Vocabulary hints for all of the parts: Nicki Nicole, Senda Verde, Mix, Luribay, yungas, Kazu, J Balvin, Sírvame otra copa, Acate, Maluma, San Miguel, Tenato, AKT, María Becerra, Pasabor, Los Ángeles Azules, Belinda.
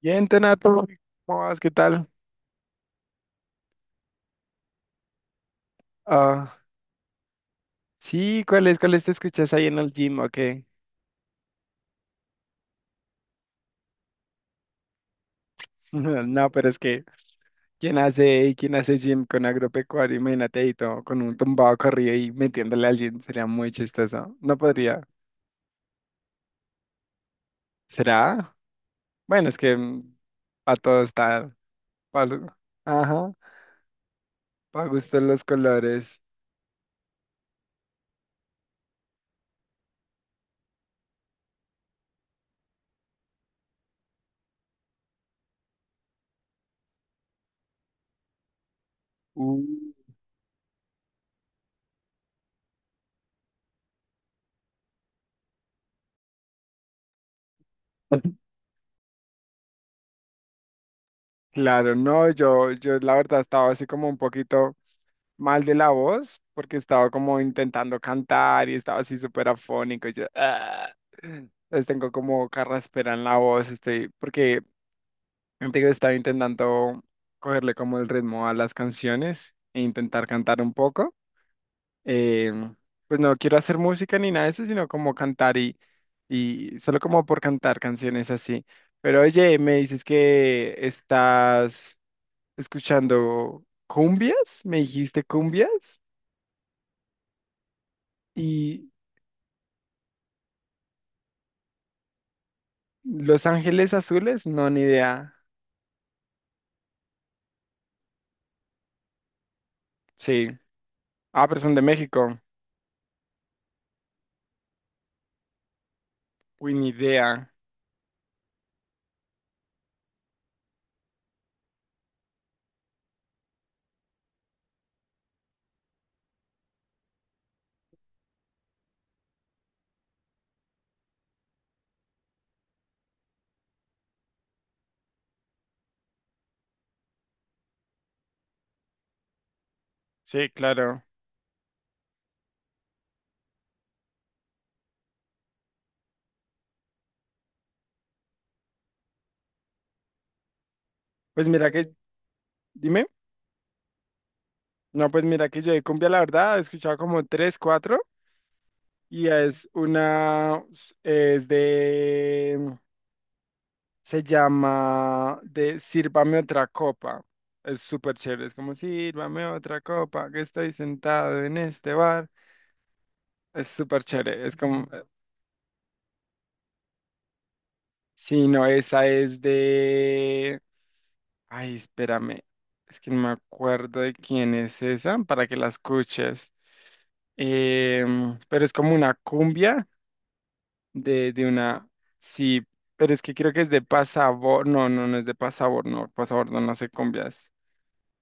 Bien, Tenato, ¿cómo vas? ¿Qué tal? Ah, sí, ¿cuáles, te escuchas ahí en el gym o qué? No, pero es que, quién hace gym con agropecuario? Imagínate ahí todo, con un tumbado corrido y metiéndole al gym, sería muy chistoso. No podría. ¿Será? Bueno, es que para todo está, para, ajá, para gustos los colores. Uh, claro, no, yo la verdad estaba así como un poquito mal de la voz porque estaba como intentando cantar y estaba así súper afónico. Y yo, "Ah". Entonces tengo como carraspera en la voz, estoy, porque te digo, estaba intentando cogerle como el ritmo a las canciones e intentar cantar un poco. Em, pues no quiero hacer música ni nada de eso, sino como cantar y solo como por cantar canciones así. Pero oye, me dices que estás escuchando cumbias, me dijiste cumbias. ¿Y Los Ángeles Azules? No, ni idea. Sí. Ah, pero son de México. Uy, ni idea. Sí, claro. Pues mira que, dime. No, pues mira que yo de cumbia, la verdad, he escuchado como tres, cuatro. Y es una, es de, se llama de Sírvame otra copa. Es súper chévere. Es como, sírvame otra copa, que estoy sentado en este bar. Es súper chévere. Es como, sí, no, esa es de... Ay, espérame. Es que no me acuerdo de quién es esa para que la escuches. Pero es como una cumbia de una. Sí, pero es que creo que es de Pasabor. No, no, no es de Pasabor, no. Pasabor no, no hace cumbias.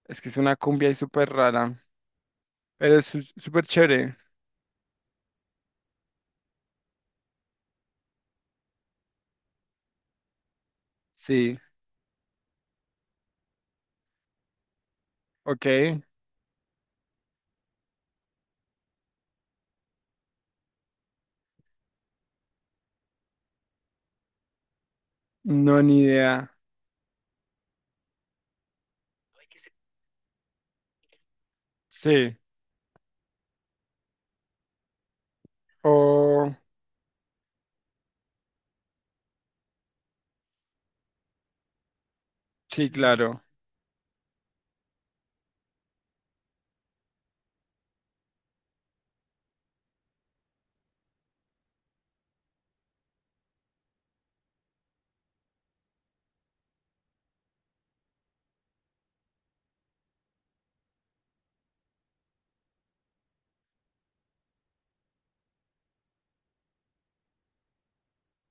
Es que es una cumbia y súper rara. Pero es súper chévere. Sí, ok. No, ni idea. Sí. O. Sí, claro.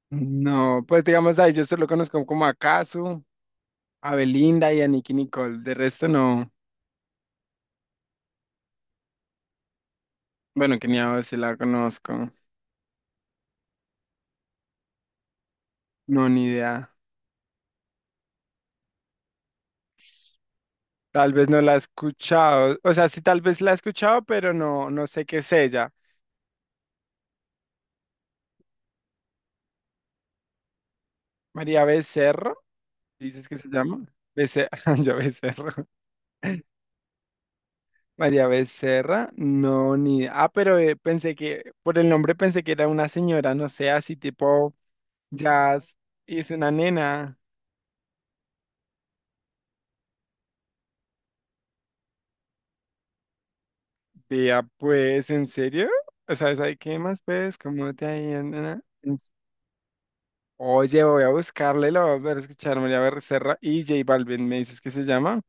No, pues digamos ahí, yo solo conozco como a Kazu, a Belinda y a Nicki Nicole. De resto no. Bueno, que ni a si la conozco. No, ni idea. Tal vez no la he escuchado. O sea, sí, tal vez la he escuchado, pero no, no sé qué es ella. María Becerro, dices que se llama. Becerro, yo Becerro. María Becerra, no, ni idea. Ah, pero pensé que, por el nombre pensé que era una señora, no sé, así tipo jazz. Y es una nena. Vea, pues, ¿en serio? O sea, ¿sabes qué más, pues? ¿Cómo te ha ido, nena? Oye, voy a buscarle, lo voy a volver a escuchar, María Becerra y J Balvin, me dices que se llama.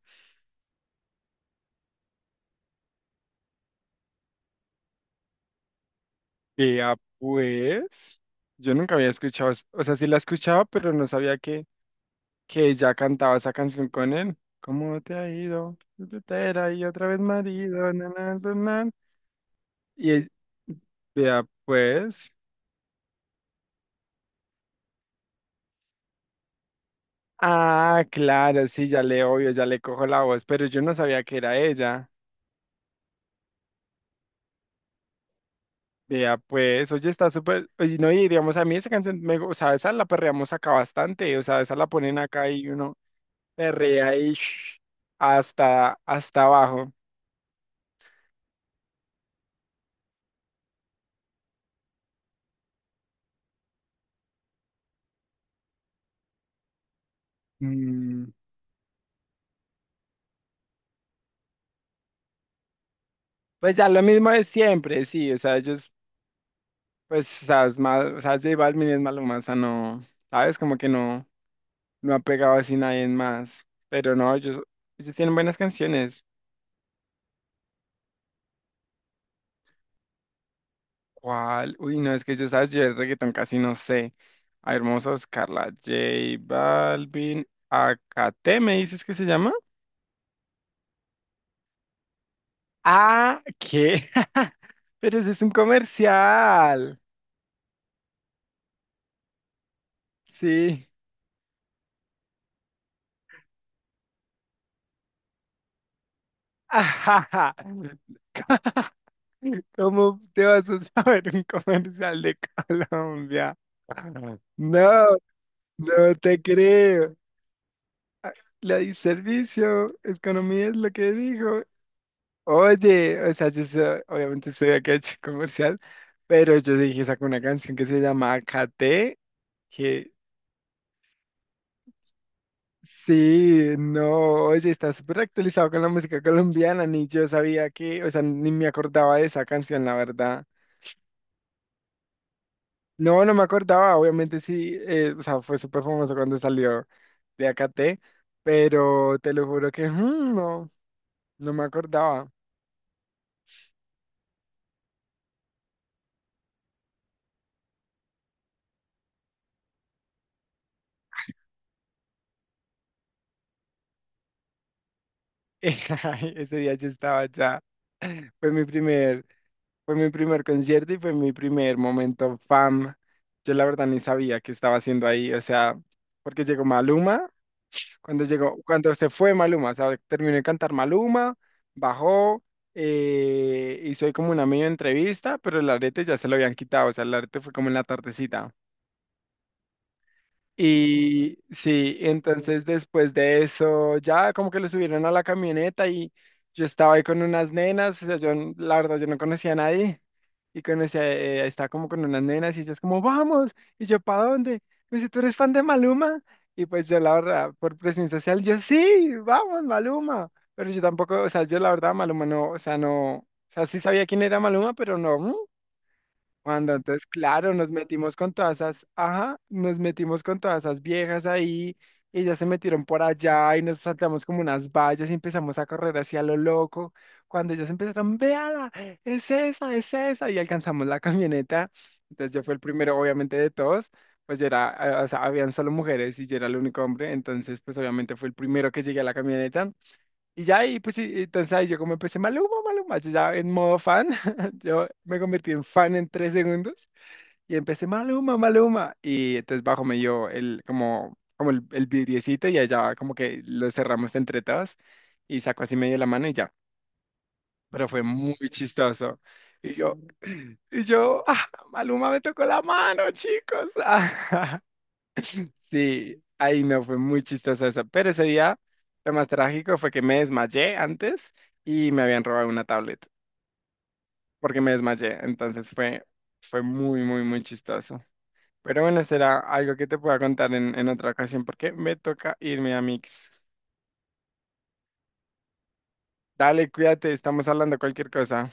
Vea, pues, yo nunca había escuchado, o sea, sí la escuchaba, pero no sabía que ella cantaba esa canción con él. ¿Cómo te ha ido? Soltera y otra vez marido, na, na, na, na. Y él- Vea, pues, ah, claro, sí, ya le obvio, ya le cojo la voz, pero yo no sabía que era ella. Vea, pues, oye, está súper, oye, no, y digamos, a mí esa canción, me, o sea, esa la perreamos acá bastante, o sea, esa la ponen acá y uno perrea y shh, hasta, hasta abajo. Mm, pues ya lo mismo de siempre, sí, o sea, ellos, pues, o sea, es más, o sea, J Balvin es Maluma, o sea, no, ¿sabes? Como que no, no ha pegado así nadie más, pero no, ellos tienen buenas canciones. ¿Cuál? Uy, no, es que yo sabes, yo el reggaetón casi no sé. A ver, vamos a buscarla. J Balvin, Acate, ¿me dices que se llama? Ah, ¿qué? Pero ese es un comercial. Sí. Ajaja. ¿Cómo te vas a saber un comercial de Colombia? No, no te creo. La di servicio, economía es lo que dijo. Oye, o sea, obviamente soy de acá chico comercial, pero yo dije, saco una canción que se llama KT, que sí, no, oye, está súper actualizado con la música colombiana, ni yo sabía que, o sea, ni me acordaba de esa canción, la verdad. No, no me acordaba, obviamente sí, o sea, fue súper famoso cuando salió de AKT, pero te lo juro que no, no me acordaba. Ese día yo estaba ya, fue mi primer Fue mi primer concierto y fue mi primer momento fam. Yo la verdad ni sabía qué estaba haciendo ahí, o sea, porque llegó Maluma, cuando llegó, cuando se fue Maluma, o sea, terminó de cantar Maluma, bajó, hizo ahí como una medio entrevista, pero el arete ya se lo habían quitado, o sea, el arete fue como en la tardecita. Y sí, entonces después de eso ya como que lo subieron a la camioneta y yo estaba ahí con unas nenas, o sea, la verdad yo no conocía a nadie y conocía, estaba como con unas nenas y ellas como, vamos, y yo, ¿para dónde? Me dice, ¿tú eres fan de Maluma? Y pues yo la verdad, por presión social, yo sí, vamos, Maluma, pero yo tampoco, o sea, yo la verdad Maluma no, o sea, no, o sea, sí sabía quién era Maluma, pero no. Cuando entonces, claro, nos metimos con todas esas, ajá, nos metimos con todas esas viejas ahí, y ya se metieron por allá y nos saltamos como unas vallas y empezamos a correr hacia lo loco. Cuando ellas empezaron, véala, es esa, y alcanzamos la camioneta. Entonces yo fui el primero, obviamente, de todos, pues yo era, o sea, habían solo mujeres y yo era el único hombre, entonces pues obviamente fui el primero que llegué a la camioneta. Y ya y pues, y entonces ahí yo como empecé, Maluma, Maluma, yo ya en modo fan, yo me convertí en fan en 3 segundos y empecé, Maluma, Maluma. Y entonces bajo me dio el, como, el vidriecito y allá como que lo cerramos entre todos y sacó así medio la mano y ya. Pero fue muy chistoso. Y yo, y yo, ah, Maluma me tocó la mano, chicos. Sí, ahí no, fue muy chistoso eso. Pero ese día, lo más trágico fue que me desmayé antes y me habían robado una tablet porque me desmayé. Entonces fue, fue muy, muy, muy chistoso. Pero bueno, será algo que te pueda contar en otra ocasión porque me toca irme a Mix. Dale, cuídate, estamos hablando cualquier cosa.